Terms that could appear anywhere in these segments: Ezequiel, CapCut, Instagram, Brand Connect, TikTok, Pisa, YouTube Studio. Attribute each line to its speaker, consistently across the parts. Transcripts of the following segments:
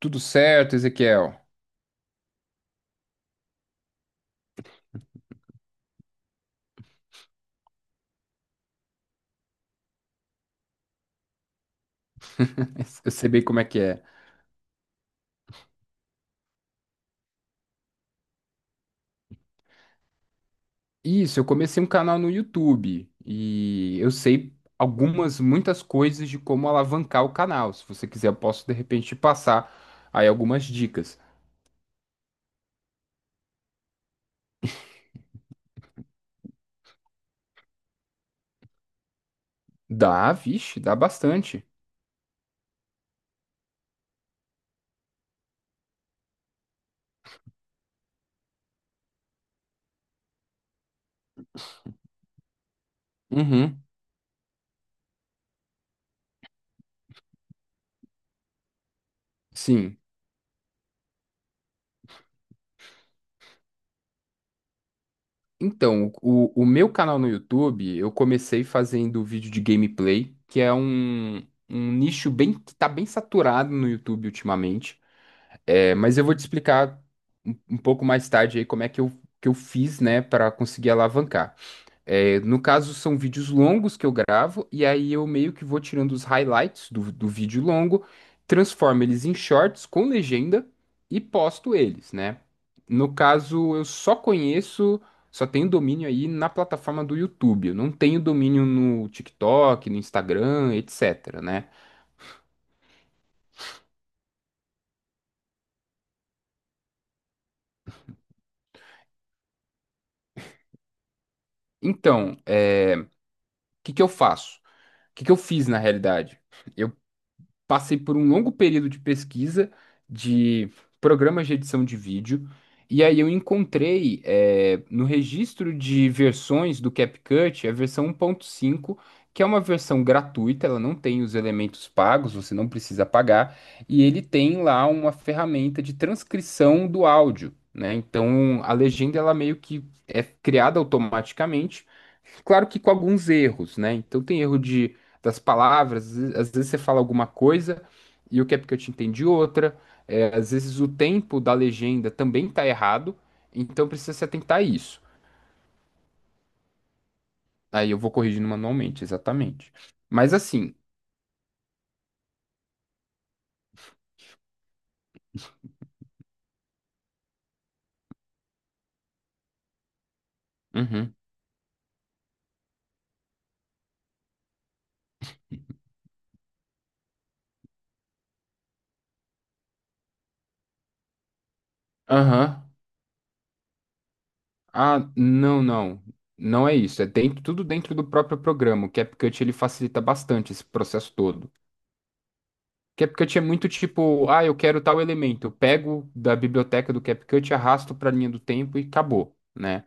Speaker 1: Tudo certo, Ezequiel? Eu sei bem como é que é. Isso, eu comecei um canal no YouTube e eu sei muitas coisas de como alavancar o canal. Se você quiser, eu posso de repente te passar aí algumas dicas. Dá, vixe, dá bastante. Uhum. Sim. Então, o meu canal no YouTube, eu comecei fazendo vídeo de gameplay, que é um nicho bem que tá bem saturado no YouTube ultimamente. É, mas eu vou te explicar um pouco mais tarde aí como é que que eu fiz, né, para conseguir alavancar. É, no caso, são vídeos longos que eu gravo, e aí eu meio que vou tirando os highlights do vídeo longo, transformo eles em shorts com legenda e posto eles, né? No caso, só tenho domínio aí na plataforma do YouTube. Eu não tenho domínio no TikTok, no Instagram, etc, né? Então, é, o que que eu faço? O que que eu fiz na realidade? Passei por um longo período de pesquisa de programas de edição de vídeo, e aí eu encontrei no registro de versões do CapCut a versão 1.5, que é uma versão gratuita, ela não tem os elementos pagos, você não precisa pagar, e ele tem lá uma ferramenta de transcrição do áudio, né? Então a legenda ela meio que é criada automaticamente. Claro que com alguns erros, né? Então tem erro de das palavras. Às vezes você fala alguma coisa e o Capcut entende outra. É, às vezes o tempo da legenda também tá errado, então precisa se atentar a isso. Aí eu vou corrigindo manualmente, exatamente. Mas assim. Uhum. Aham. Ah, não, não, não é isso. É dentro, tudo dentro do próprio programa. O CapCut ele facilita bastante esse processo todo. CapCut é muito tipo, ah, eu quero tal elemento, eu pego da biblioteca do CapCut, arrasto para a linha do tempo e acabou, né?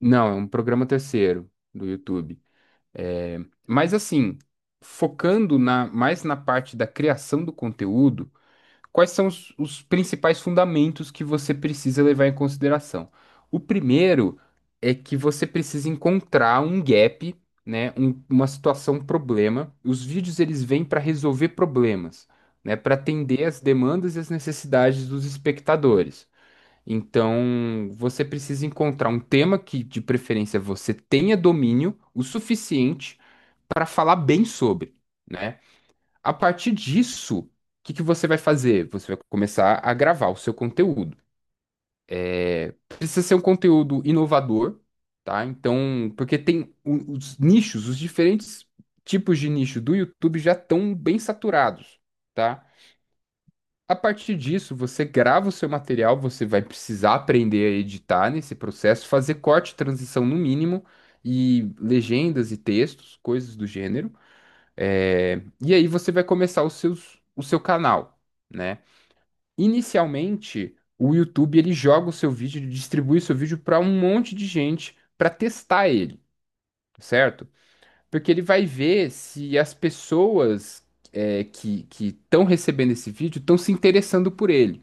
Speaker 1: Não, é um programa terceiro do YouTube. É, mas assim, focando na, mais na parte da criação do conteúdo, quais são os principais fundamentos que você precisa levar em consideração? O primeiro é que você precisa encontrar um gap, né, uma situação, um problema. Os vídeos eles vêm para resolver problemas, né, para atender as demandas e as necessidades dos espectadores. Então, você precisa encontrar um tema que, de preferência, você tenha domínio o suficiente para falar bem sobre, né? A partir disso, o que que você vai fazer? Você vai começar a gravar o seu conteúdo. Precisa ser um conteúdo inovador, tá? Então, porque tem os nichos, os diferentes tipos de nicho do YouTube já estão bem saturados, tá? A partir disso, você grava o seu material, você vai precisar aprender a editar nesse processo, fazer corte, transição no mínimo, e legendas e textos, coisas do gênero. É, e aí você vai começar o seu canal, né? Inicialmente, o YouTube ele joga o seu vídeo, ele distribui o seu vídeo para um monte de gente para testar ele, certo? Porque ele vai ver se as pessoas que estão recebendo esse vídeo estão se interessando por ele.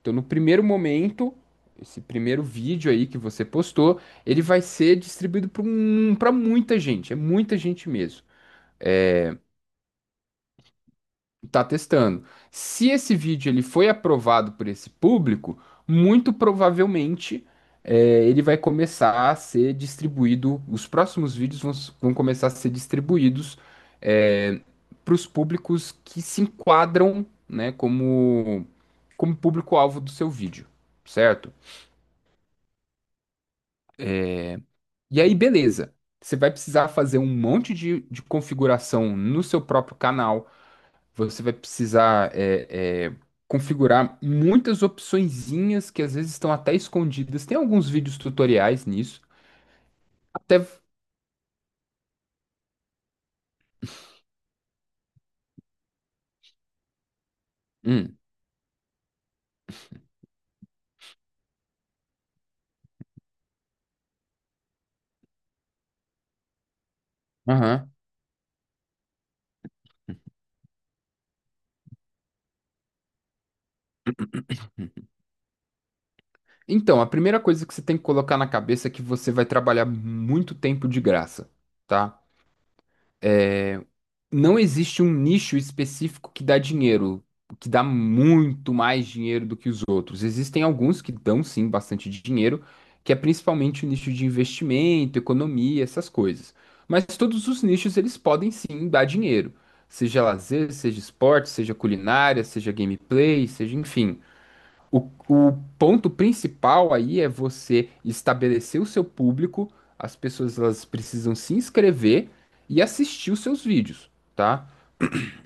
Speaker 1: Então, no primeiro momento, esse primeiro vídeo aí que você postou, ele vai ser distribuído para muita gente, é muita gente mesmo. Tá testando. Se esse vídeo ele foi aprovado por esse público, muito provavelmente ele vai começar a ser distribuído. Os próximos vídeos vão começar a ser distribuídos é, para os públicos que se enquadram, né, como público-alvo do seu vídeo, certo? E aí, beleza. Você vai precisar fazer um monte de configuração no seu próprio canal. Você vai precisar configurar muitas opçõezinhas que às vezes estão até escondidas. Tem alguns vídeos tutoriais nisso. Até. Hum. Aham. Então, a primeira coisa que você tem que colocar na cabeça é que você vai trabalhar muito tempo de graça, tá? Não existe um nicho específico que dá dinheiro, que dá muito mais dinheiro do que os outros. Existem alguns que dão sim bastante dinheiro, que é principalmente o nicho de investimento, economia, essas coisas. Mas todos os nichos eles podem sim dar dinheiro, seja lazer, seja esporte, seja culinária, seja gameplay, seja enfim. O ponto principal aí é você estabelecer o seu público, as pessoas elas precisam se inscrever e assistir os seus vídeos, tá?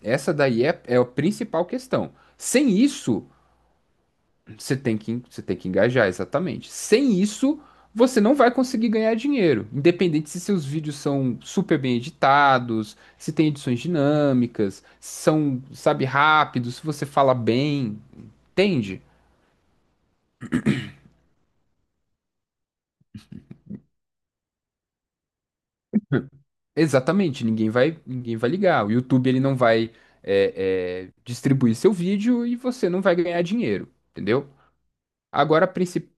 Speaker 1: Essa daí é a principal questão. Sem isso, você tem que engajar, exatamente. Sem isso, você não vai conseguir ganhar dinheiro. Independente se seus vídeos são super bem editados, se tem edições dinâmicas, se são, sabe, rápidos, se você fala bem, entende? Exatamente, ninguém vai ligar. O YouTube ele não vai distribuir seu vídeo e você não vai ganhar dinheiro, entendeu? Agora, a principal.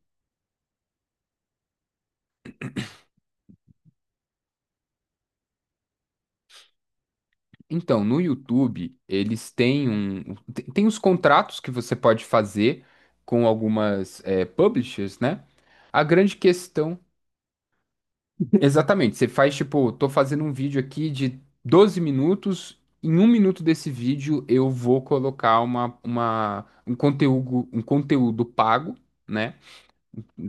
Speaker 1: Então, no YouTube, eles têm um. Tem os contratos que você pode fazer com algumas publishers, né? A grande questão. Exatamente, você faz tipo, tô fazendo um vídeo aqui de 12 minutos. Em 1 minuto desse vídeo, eu vou colocar um conteúdo pago, né?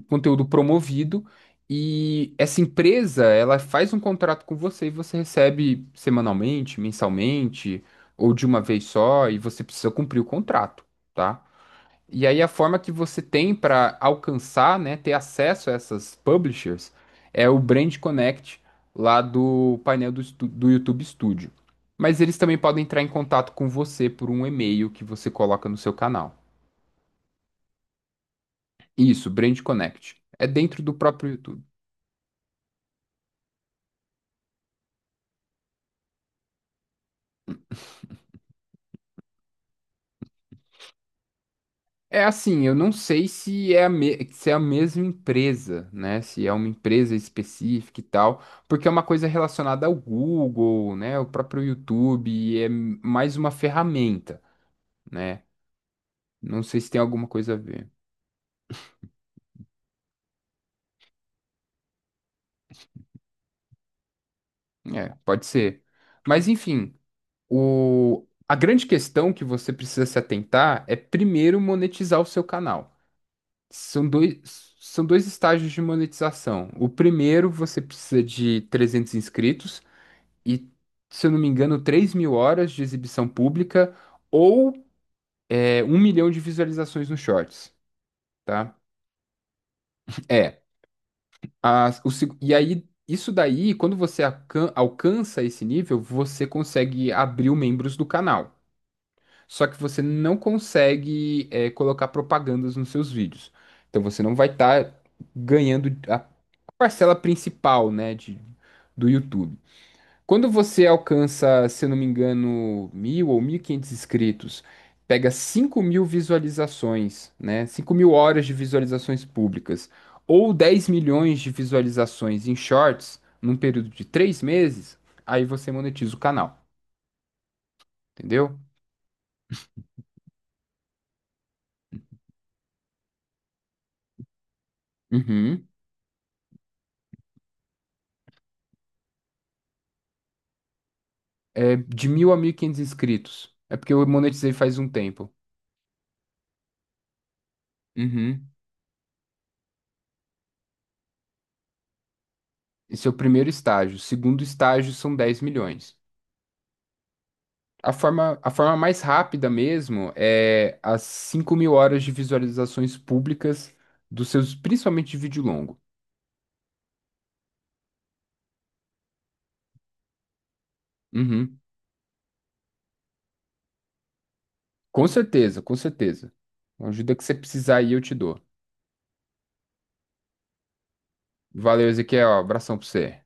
Speaker 1: Conteúdo promovido e essa empresa, ela faz um contrato com você e você recebe semanalmente, mensalmente ou de uma vez só e você precisa cumprir o contrato, tá? E aí a forma que você tem para alcançar, né, ter acesso a essas publishers é o Brand Connect lá do painel do YouTube Studio. Mas eles também podem entrar em contato com você por um e-mail que você coloca no seu canal. Isso, Brand Connect. É dentro do próprio YouTube. É assim, eu não sei se é a mesma empresa, né? Se é uma empresa específica e tal, porque é uma coisa relacionada ao Google, né? O próprio YouTube e é mais uma ferramenta, né? Não sei se tem alguma coisa a ver. É, pode ser. Mas enfim, a grande questão que você precisa se atentar é primeiro monetizar o seu canal. São dois estágios de monetização. O primeiro, você precisa de 300 inscritos. E, se eu não me engano, 3.000 horas de exibição pública ou 1 milhão de visualizações nos shorts, tá? É. E aí, isso daí, quando você alcança esse nível, você consegue abrir os membros do canal. Só que você não consegue colocar propagandas nos seus vídeos. Então você não vai estar ganhando a parcela principal, né, do YouTube. Quando você alcança, se eu não me engano, 1.000 ou 1.500 inscritos, pega 5.000 visualizações, né? 5.000 horas de visualizações públicas, ou 10 milhões de visualizações em shorts, num período de 3 meses, aí você monetiza o canal, entendeu? Uhum. É de 1.000 a 1.500 inscritos. É porque eu monetizei faz um tempo. Uhum. Esse é o primeiro estágio. O segundo estágio são 10 milhões. A forma mais rápida mesmo é as 5.000 horas de visualizações públicas dos seus, principalmente de vídeo longo. Uhum. Com certeza, com certeza. A ajuda que você precisar aí eu te dou. Valeu, Ezequiel. Abração pra você.